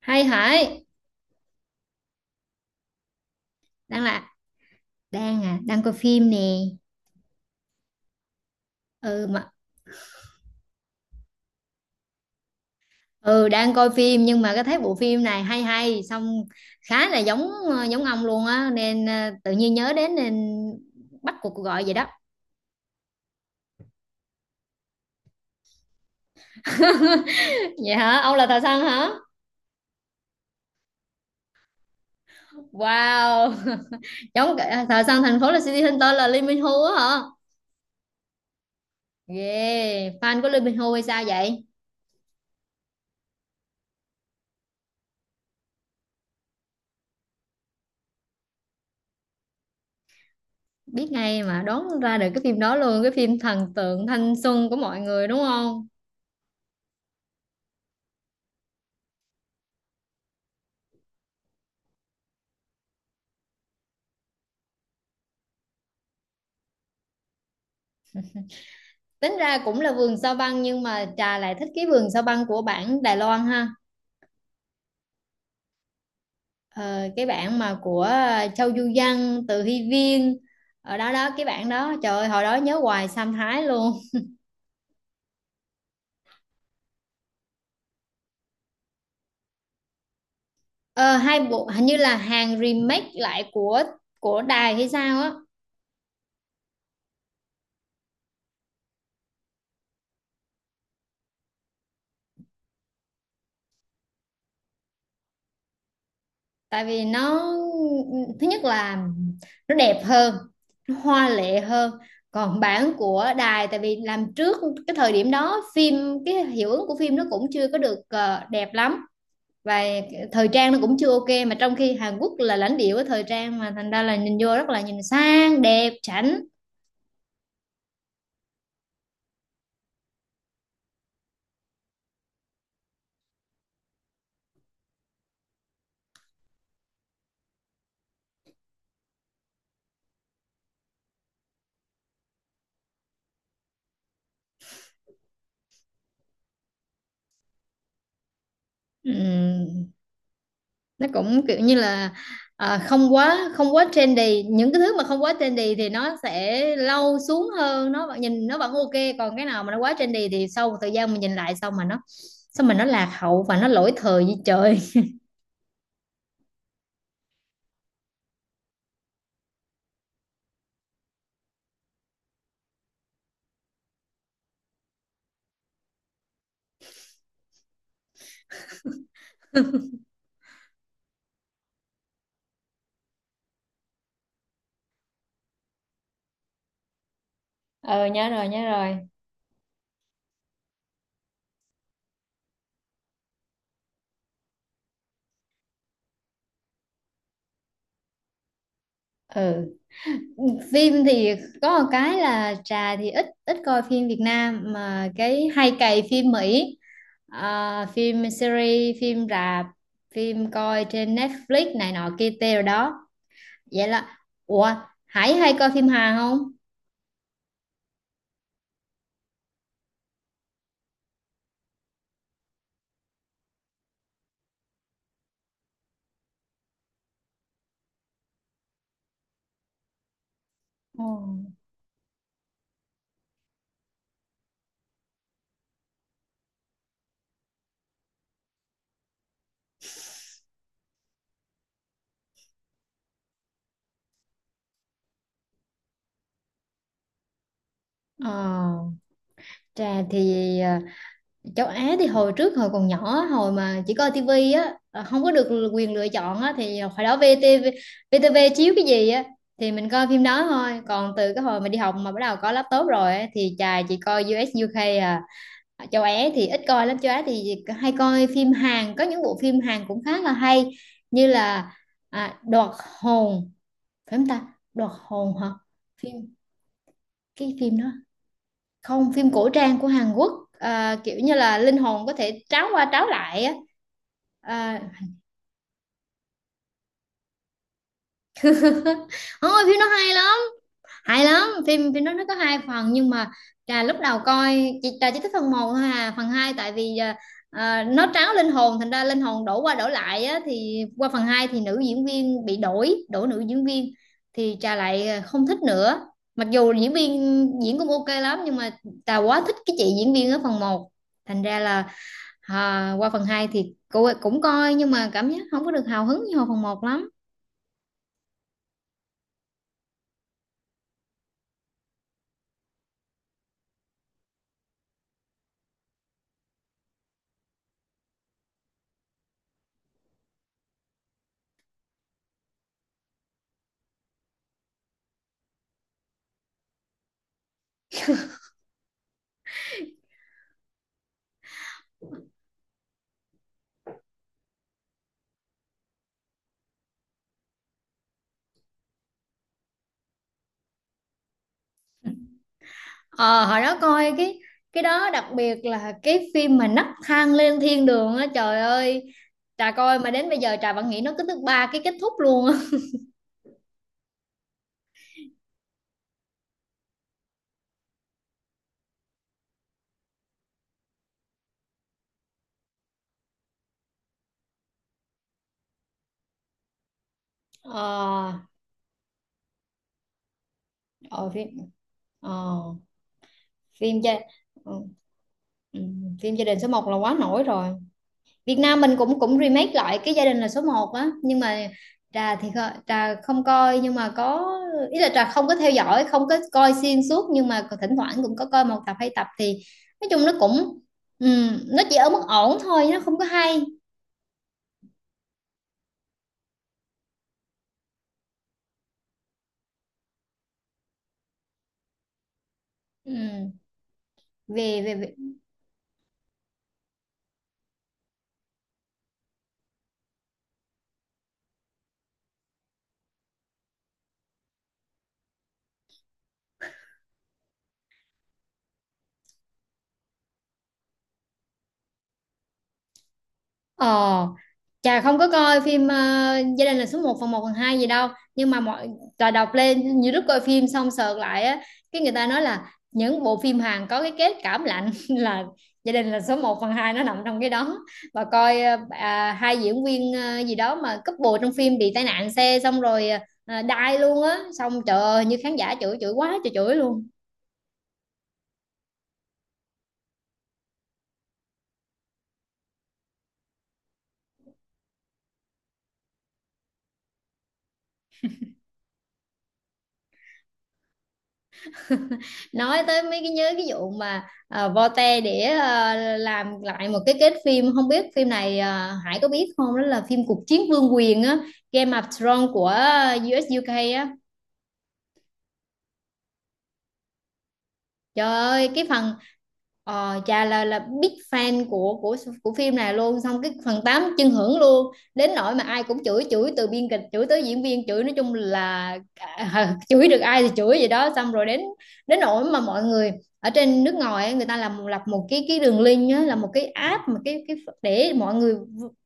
Hay hỏi. Đang là đang à đang coi phim nè. Ừ mà. Ừ, đang coi phim, nhưng mà cái thấy bộ phim này hay hay, xong khá là giống, giống ông luôn á, nên tự nhiên nhớ đến, nên bắt cuộc gọi vậy đó. Vậy hả, ông là thợ săn hả? Wow. Thợ săn thành phố là City Hunter, là Lee Min Ho, á hả? Yeah, fan của Lee Min Ho hay sao vậy? Biết ngay mà, đoán ra được cái phim đó luôn, cái phim thần tượng thanh xuân của mọi người đúng không? Tính ra cũng là vườn sao băng, nhưng mà trà lại thích cái vườn sao băng của bản Đài Loan ha. Ờ, cái bản mà của Châu Du Văn, Từ Hy Viên, ở đó đó, cái bản đó trời ơi, hồi đó nhớ hoài Sam Thái luôn. Ờ, Hai bộ hình như là hàng remake lại của đài hay sao á. Tại vì nó, thứ nhất là nó đẹp hơn, nó hoa lệ hơn. Còn bản của đài tại vì làm trước, cái thời điểm đó phim, cái hiệu ứng của phim nó cũng chưa có được đẹp lắm. Và thời trang nó cũng chưa ok, mà trong khi Hàn Quốc là lãnh địa của thời trang, mà thành ra là nhìn vô rất là nhìn sang, đẹp, chảnh. Ừm, nó cũng kiểu như là, không quá trendy. Những cái thứ mà không quá trendy thì nó sẽ lâu xuống hơn, nó vẫn nhìn, nó vẫn ok. Còn cái nào mà nó quá trendy thì sau một thời gian mình nhìn lại, xong mà nó lạc hậu và nó lỗi thời như trời. Ờ, nhớ rồi, nhớ rồi. Ừ. Phim thì có một cái là trà thì ít ít coi phim Việt Nam, mà cái hay cày phim Mỹ. Ờ, phim series, phim rạp, phim coi trên Netflix này nọ kia tê rồi đó. Vậy là, ủa, Hải hay coi phim Hàn không? Ồ. Ờ, trà thì, châu Á thì hồi trước, hồi còn nhỏ, hồi mà chỉ coi tivi á, không có được quyền lựa chọn á, thì hồi đó VTV VTV chiếu cái gì á thì mình coi phim đó thôi. Còn từ cái hồi mà đi học mà bắt đầu có laptop rồi á, thì chà chỉ coi US UK à. Châu Á thì ít coi lắm, châu Á thì hay coi phim Hàn. Có những bộ phim Hàn cũng khá là hay, như là, Đoạt hồn, phải không ta? Đoạt hồn hả? Phim, cái phim đó, không, phim cổ trang của Hàn Quốc, kiểu như là linh hồn có thể tráo qua tráo lại á. à, Ôi, phim nó hay lắm, hay lắm. Phim phim nó có hai phần, nhưng mà trà lúc đầu coi, chị trà chỉ thích phần một thôi, à phần hai tại vì, nó tráo linh hồn, thành ra linh hồn đổ qua đổ lại á, thì qua phần hai thì nữ diễn viên bị đổi đổi nữ diễn viên, thì trà lại không thích nữa. Mặc dù diễn viên diễn cũng ok lắm, nhưng mà trà quá thích cái chị diễn viên ở phần một, thành ra là, à, qua phần 2 thì cô cũng coi, nhưng mà cảm giác không có được hào hứng như hồi phần một lắm. Ờ, hồi đó coi cái đó đặc biệt là cái phim mà nấc thang lên thiên đường á, trời ơi, trà coi mà đến bây giờ trà vẫn nghĩ nó, cứ thứ ba cái kết thúc luôn á. ờ ờ, phim ờ, phim gia ừ, ừ, Phim gia đình số một là quá nổi rồi. Việt Nam mình cũng cũng remake lại cái gia đình là số một á, nhưng mà trà không coi, nhưng mà có ý là trà không có theo dõi, không có coi xuyên suốt, nhưng mà thỉnh thoảng cũng có coi một tập hai tập thì nói chung nó chỉ ở mức ổn thôi, nó không có hay. Ừm, về về, về. Ờ, Chà không có coi phim, gia đình là số một phần 2 gì đâu. Nhưng mà mọi, Trà đọc lên YouTube coi phim xong sợt lại á. Cái người ta nói là những bộ phim Hàn có cái kết cảm lạnh là gia đình là số một phần hai, nó nằm trong cái đó. Và coi, hai diễn viên, gì đó mà couple trong phim bị tai nạn xe, xong rồi đai luôn á. Xong trời ơi như khán giả chửi, chửi quá trời, chửi luôn. Nói tới mấy cái nhớ cái vụ mà, vote để, làm lại một cái kết phim, không biết phim này, Hải có biết không? Đó là phim cuộc chiến vương quyền á, Game of Thrones của US UK á. Trời ơi, cái phần, Trà là big fan của phim này luôn, xong cái phần 8 chân hưởng luôn, đến nỗi mà ai cũng chửi, chửi từ biên kịch, chửi tới diễn viên, chửi nói chung là, chửi được ai thì chửi vậy đó. Xong rồi đến đến nỗi mà mọi người ở trên nước ngoài ấy, người ta làm lập một cái đường link á, là một cái app mà cái để mọi người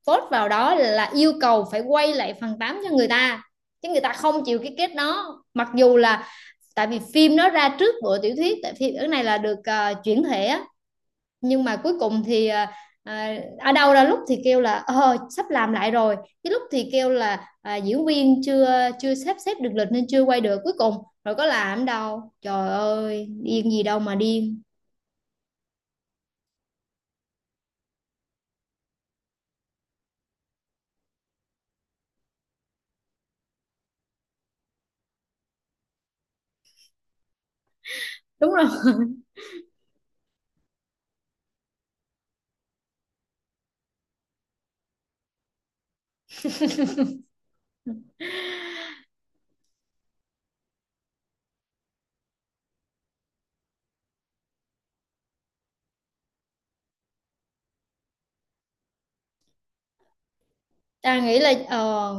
vote vào đó là yêu cầu phải quay lại phần 8 cho người ta, chứ người ta không chịu cái kết đó. Mặc dù là tại vì phim nó ra trước bộ tiểu thuyết, tại phim cái này là được chuyển thể á, nhưng mà cuối cùng thì, ở đâu ra lúc thì kêu là sắp làm lại rồi, cái lúc thì kêu là, diễn viên chưa chưa sắp xếp được lịch nên chưa quay được, cuối cùng rồi có làm đâu, trời ơi điên gì đâu mà điên. Đúng rồi. Ta nghĩ là,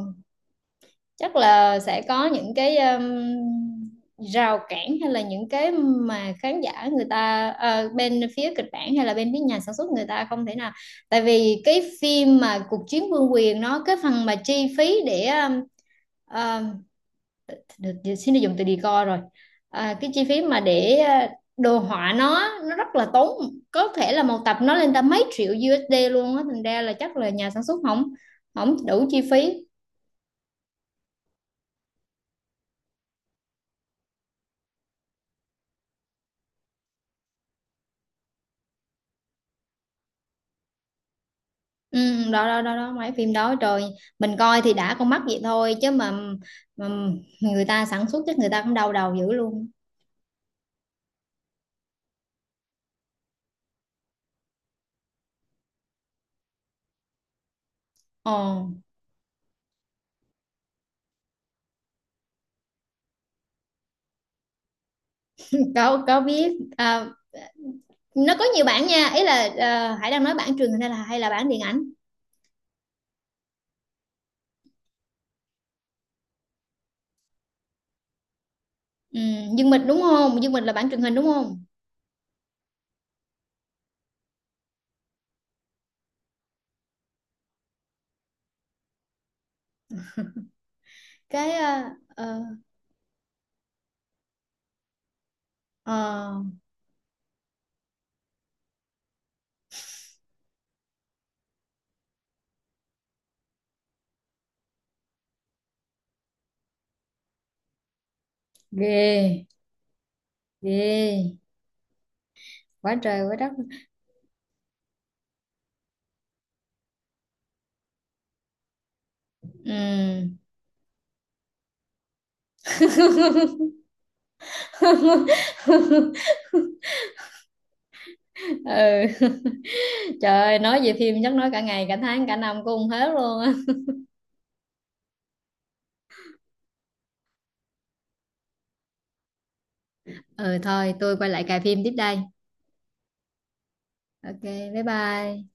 chắc là sẽ có những cái, rào cản hay là những cái mà khán giả người ta, bên phía kịch bản hay là bên phía nhà sản xuất người ta không thể nào. Tại vì cái phim mà cuộc chiến vương quyền nó, cái phần mà chi phí để, um, được được- xin được dùng từ decor rồi. À, cái chi phí mà để đồ họa nó rất là tốn, có thể là một tập nó lên tới mấy triệu USD luôn á, thành ra là chắc là nhà sản xuất không, không đủ chi phí. Ừ, đó đó đó đó mấy phim đó trời, mình coi thì đã con mắt vậy thôi, chứ mà người ta sản xuất chắc người ta cũng đau đầu dữ luôn. ờ có biết, nó có nhiều bản nha, ý là Hải đang nói bản truyền hình hay là bản điện ảnh. Ừ, Dương Mịch đúng không? Dương Mịch là bản truyền hình đúng không? Cái ờ, ờ, ờ, Ghê, ghê quá trời quá đất. Ừ. Ừ. Trời ơi, nói về phim chắc nói cả ngày, cả tháng, cả năm cũng không hết luôn á. Ừ thôi, tôi quay lại cài phim tiếp đây. Ok, bye bye.